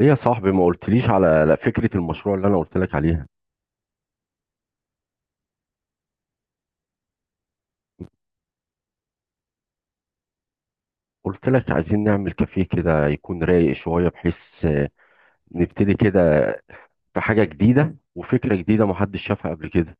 ايه يا صاحبي ما قلتليش على فكرة المشروع اللي انا قلت لك عليها؟ قلت لك عايزين نعمل كافيه كده يكون رايق شوية بحيث آه، نبتدي كده في حاجة جديدة وفكرة جديدة محدش شافها قبل كده.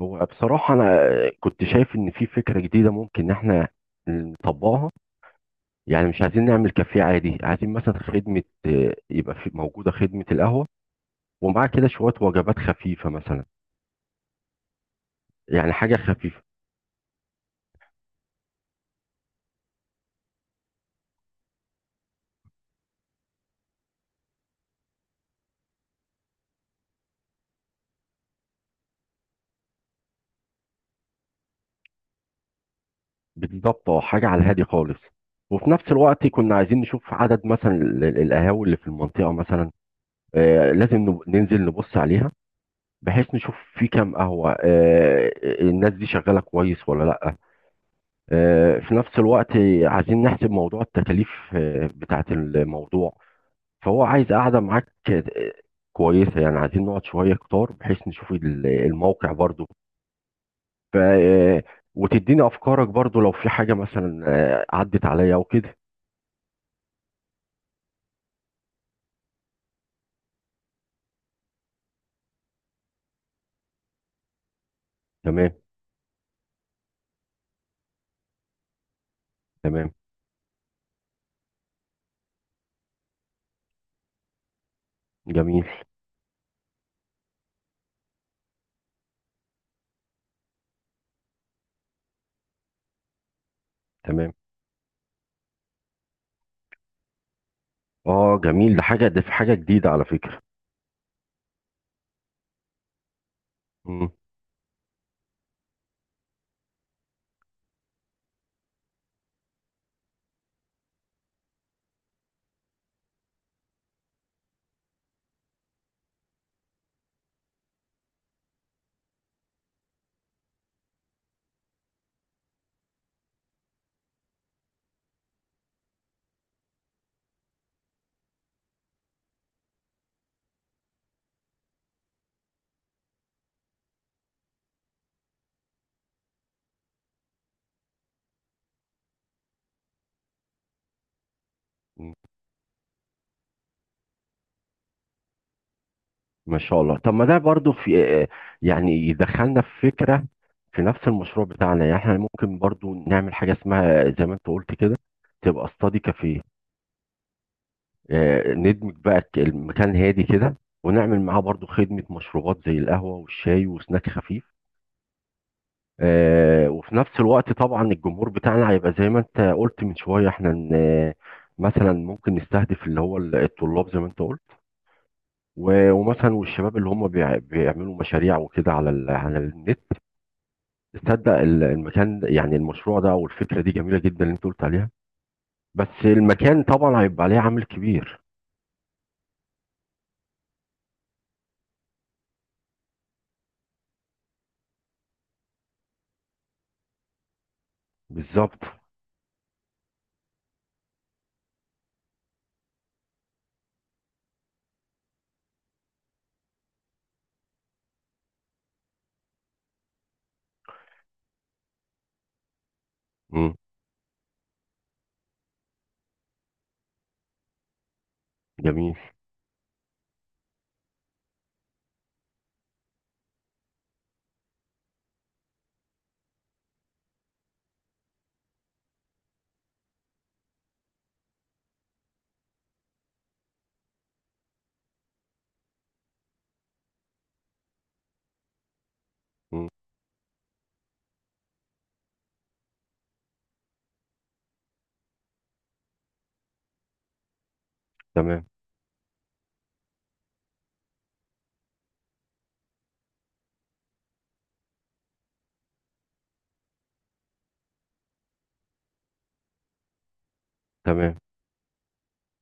هو بصراحة انا كنت شايف ان في فكرة جديدة ممكن ان احنا نطبقها. يعني مش عايزين نعمل كافيه عادي، عايزين مثلا خدمة، يبقى في موجودة خدمة القهوة ومعاه كده شوية وجبات خفيفة مثلا، يعني حاجة خفيفة. بالظبط، اه، حاجة على الهادي خالص. وفي نفس الوقت كنا عايزين نشوف عدد مثلا القهاوي اللي في المنطقة مثلا. لازم ننزل نبص عليها بحيث نشوف في كام قهوة، الناس دي شغالة كويس ولا لأ. آه، في نفس الوقت عايزين نحسب موضوع التكاليف بتاعة الموضوع. فهو عايز قاعدة معاك كويسة، يعني عايزين نقعد شوية كتار بحيث نشوف الموقع برضو. ف آه، وتديني أفكارك برضو لو في حاجة مثلا عدت عليا أو كده. تمام، تمام. جميل. تمام. اه، جميل. ده في حاجه جديده على فكره. مم. مم. ما شاء الله. طب ما ده برضو في، يعني يدخلنا في فكره في نفس المشروع بتاعنا. يعني احنا ممكن برضو نعمل حاجه اسمها زي ما انت قلت كده، تبقى استادي كافيه. ندمج بقى المكان هادي كده، ونعمل معاه برضو خدمه مشروبات زي القهوه والشاي وسناك خفيف. وفي نفس الوقت طبعا الجمهور بتاعنا هيبقى زي ما انت قلت من شويه، مثلا ممكن نستهدف اللي هو الطلاب زي ما انت قلت، ومثلا والشباب اللي هم بيعملوا مشاريع وكده على على النت. تصدق المكان، يعني المشروع ده او الفكره دي جميله جدا اللي انت قلت عليها. بس المكان طبعا هيبقى عليه عامل كبير. بالظبط. مم. جميل. مم. تمام، تمام.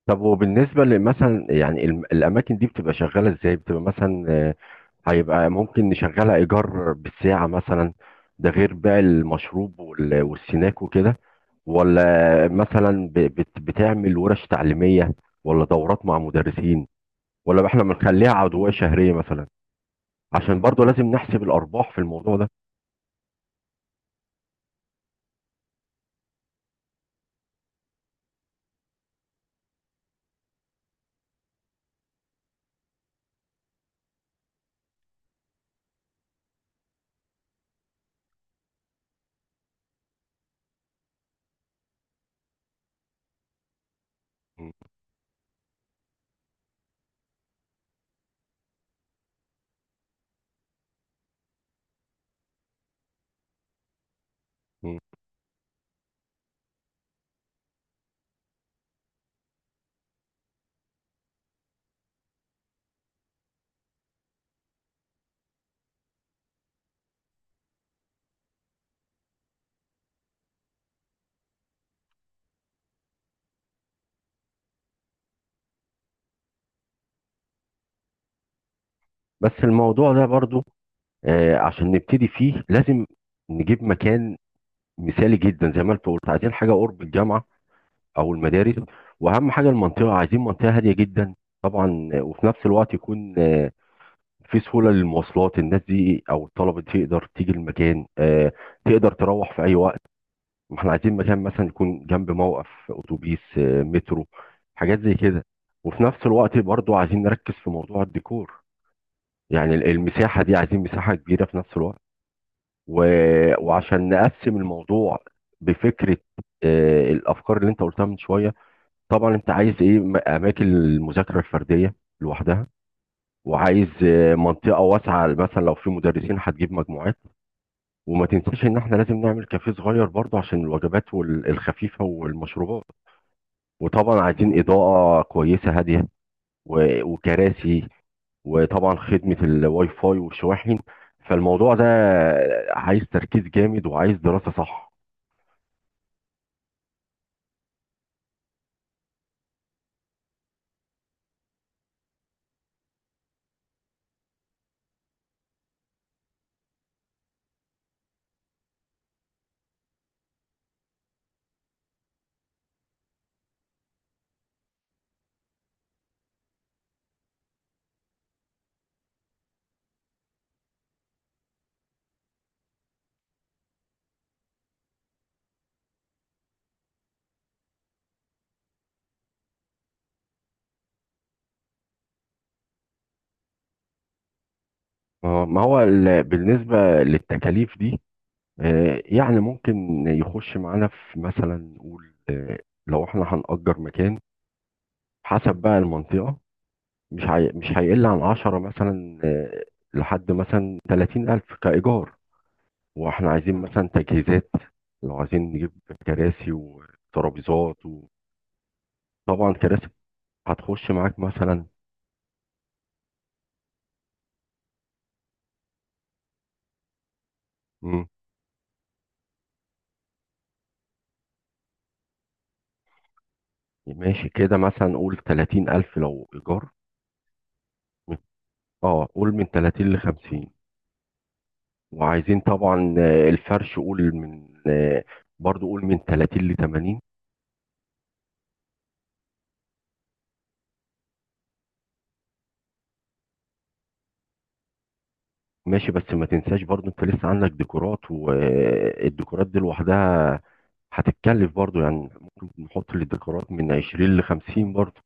طب، وبالنسبة لمثلا، يعني الأماكن دي بتبقى شغالة إزاي؟ بتبقى مثلا، هيبقى ممكن نشغلها إيجار بالساعة مثلا، ده غير بيع المشروب والسناك وكده، ولا مثلا بتعمل ورش تعليمية، ولا دورات مع مدرسين، ولا إحنا بنخليها عضوية شهرية مثلا؟ عشان برضو لازم نحسب الأرباح في الموضوع ده. م- م. بس الموضوع ده برضو، عشان نبتدي فيه لازم نجيب مكان مثالي جدا. زي ما انت قلت، عايزين حاجة قرب الجامعة او المدارس. واهم حاجه المنطقه، عايزين منطقه هاديه جدا طبعا. وفي نفس الوقت يكون في سهوله للمواصلات، الناس دي او الطلبه دي تقدر تيجي المكان، تقدر تروح في اي وقت. ما احنا عايزين مكان مثلا يكون جنب موقف اتوبيس، مترو، حاجات زي كده. وفي نفس الوقت برضو عايزين نركز في موضوع الديكور. يعني المساحه دي عايزين مساحه كبيره في نفس الوقت و... وعشان نقسم الموضوع بفكره، الافكار اللي انت قلتها من شويه. طبعا انت عايز ايه، اماكن المذاكره الفرديه لوحدها، وعايز منطقه واسعه مثلا لو في مدرسين هتجيب مجموعات. وما تنساش ان احنا لازم نعمل كافيه صغير برضه عشان الوجبات الخفيفه والمشروبات، وطبعا عايزين اضاءه كويسه هاديه وكراسي، وطبعا خدمه الواي فاي والشواحن. فالموضوع ده عايز تركيز جامد وعايز دراسه صح. ما هو بالنسبه للتكاليف دي، يعني ممكن يخش معانا، في مثلا نقول لو احنا هنأجر مكان حسب بقى المنطقة، مش هيقل عن عشرة مثلا، لحد مثلا تلاتين ألف كإيجار. واحنا عايزين مثلا تجهيزات، لو عايزين نجيب كراسي وترابيزات، وطبعا كراسي هتخش معاك مثلا. مم، ماشي، كده مثلا قول تلاتين ألف لو إيجار، اه، قول من تلاتين لخمسين. وعايزين طبعا الفرش، قول من، برضو قول من 30 ل 80. ماشي، بس ما تنساش برضو انت لسه عندك ديكورات، والديكورات دي لوحدها هتتكلف برضو، يعني ممكن نحط للديكورات من 20 ل 50 برضو.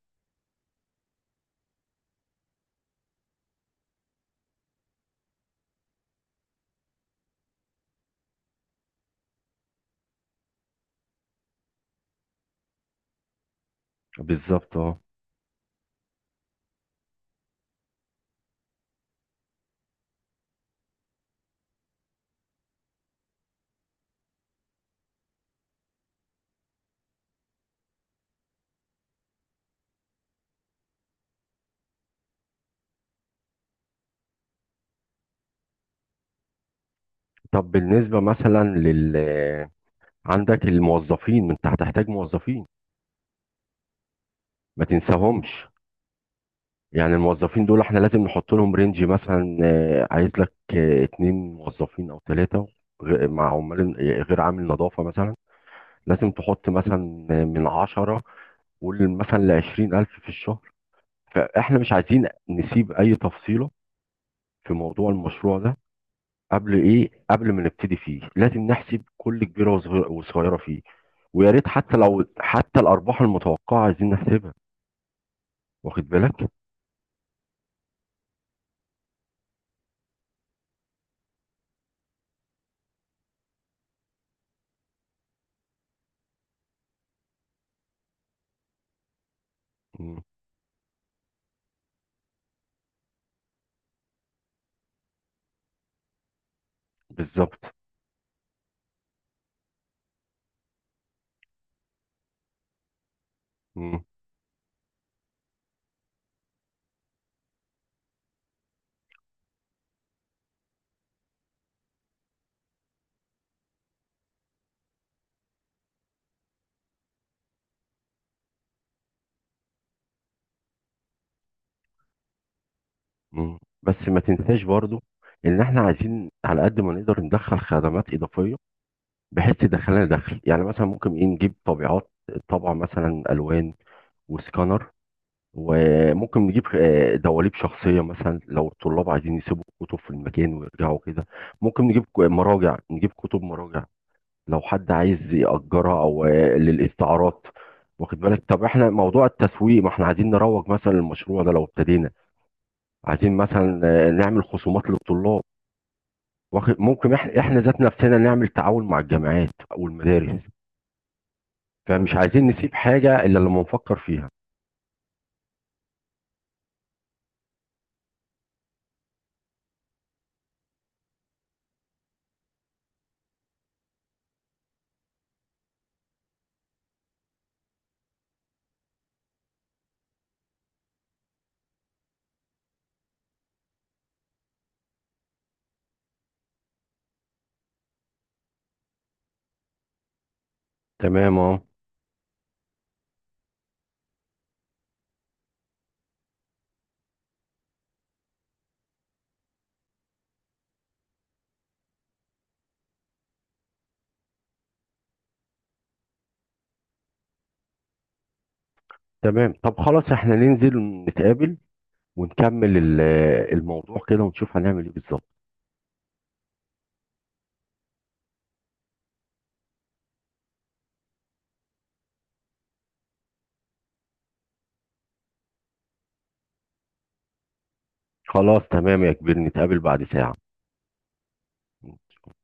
بالظبط، اه. طب بالنسبة مثلا لل آه، عندك الموظفين، انت هتحتاج موظفين، ما تنساهمش. يعني الموظفين دول احنا لازم نحط لهم رينج، مثلا عايز لك اتنين موظفين او ثلاثة مع عمال، غير عامل نظافة مثلا. لازم تحط مثلا من عشرة، قول مثلا لعشرين ألف في الشهر. فاحنا مش عايزين نسيب أي تفصيلة في موضوع المشروع ده، قبل، إيه، قبل ما نبتدي فيه لازم نحسب كل كبيرة وصغيرة فيه. ويا ريت حتى لو حتى الأرباح المتوقعة عايزين نحسبها، واخد بالك؟ مم، بالظبط. مم. مم. بس ما تنساش برضو ان احنا عايزين على قد ما نقدر ندخل خدمات اضافيه بحيث تدخلنا دخل. يعني مثلا ممكن ايه، نجيب طبيعات، طبعا، مثلا الوان وسكانر، وممكن نجيب دواليب شخصيه مثلا لو الطلاب عايزين يسيبوا الكتب في المكان ويرجعوا كده. ممكن نجيب مراجع، نجيب كتب مراجع لو حد عايز يأجرها، او للاستعارات. واخد بالك؟ طب احنا موضوع التسويق، ما احنا عايزين نروج مثلا للمشروع ده لو ابتدينا. عايزين مثلا نعمل خصومات للطلاب، واخد، ممكن احنا ذات نفسنا نعمل تعاون مع الجامعات او المدارس، فمش عايزين نسيب حاجه الا لما نفكر فيها. تمام، اه، تمام. طب خلاص، احنا ننزل نتقابل ونكمل الموضوع كده ونشوف هنعمل ايه بالظبط. خلاص، تمام يا كبير، نتقابل بعد ساعه.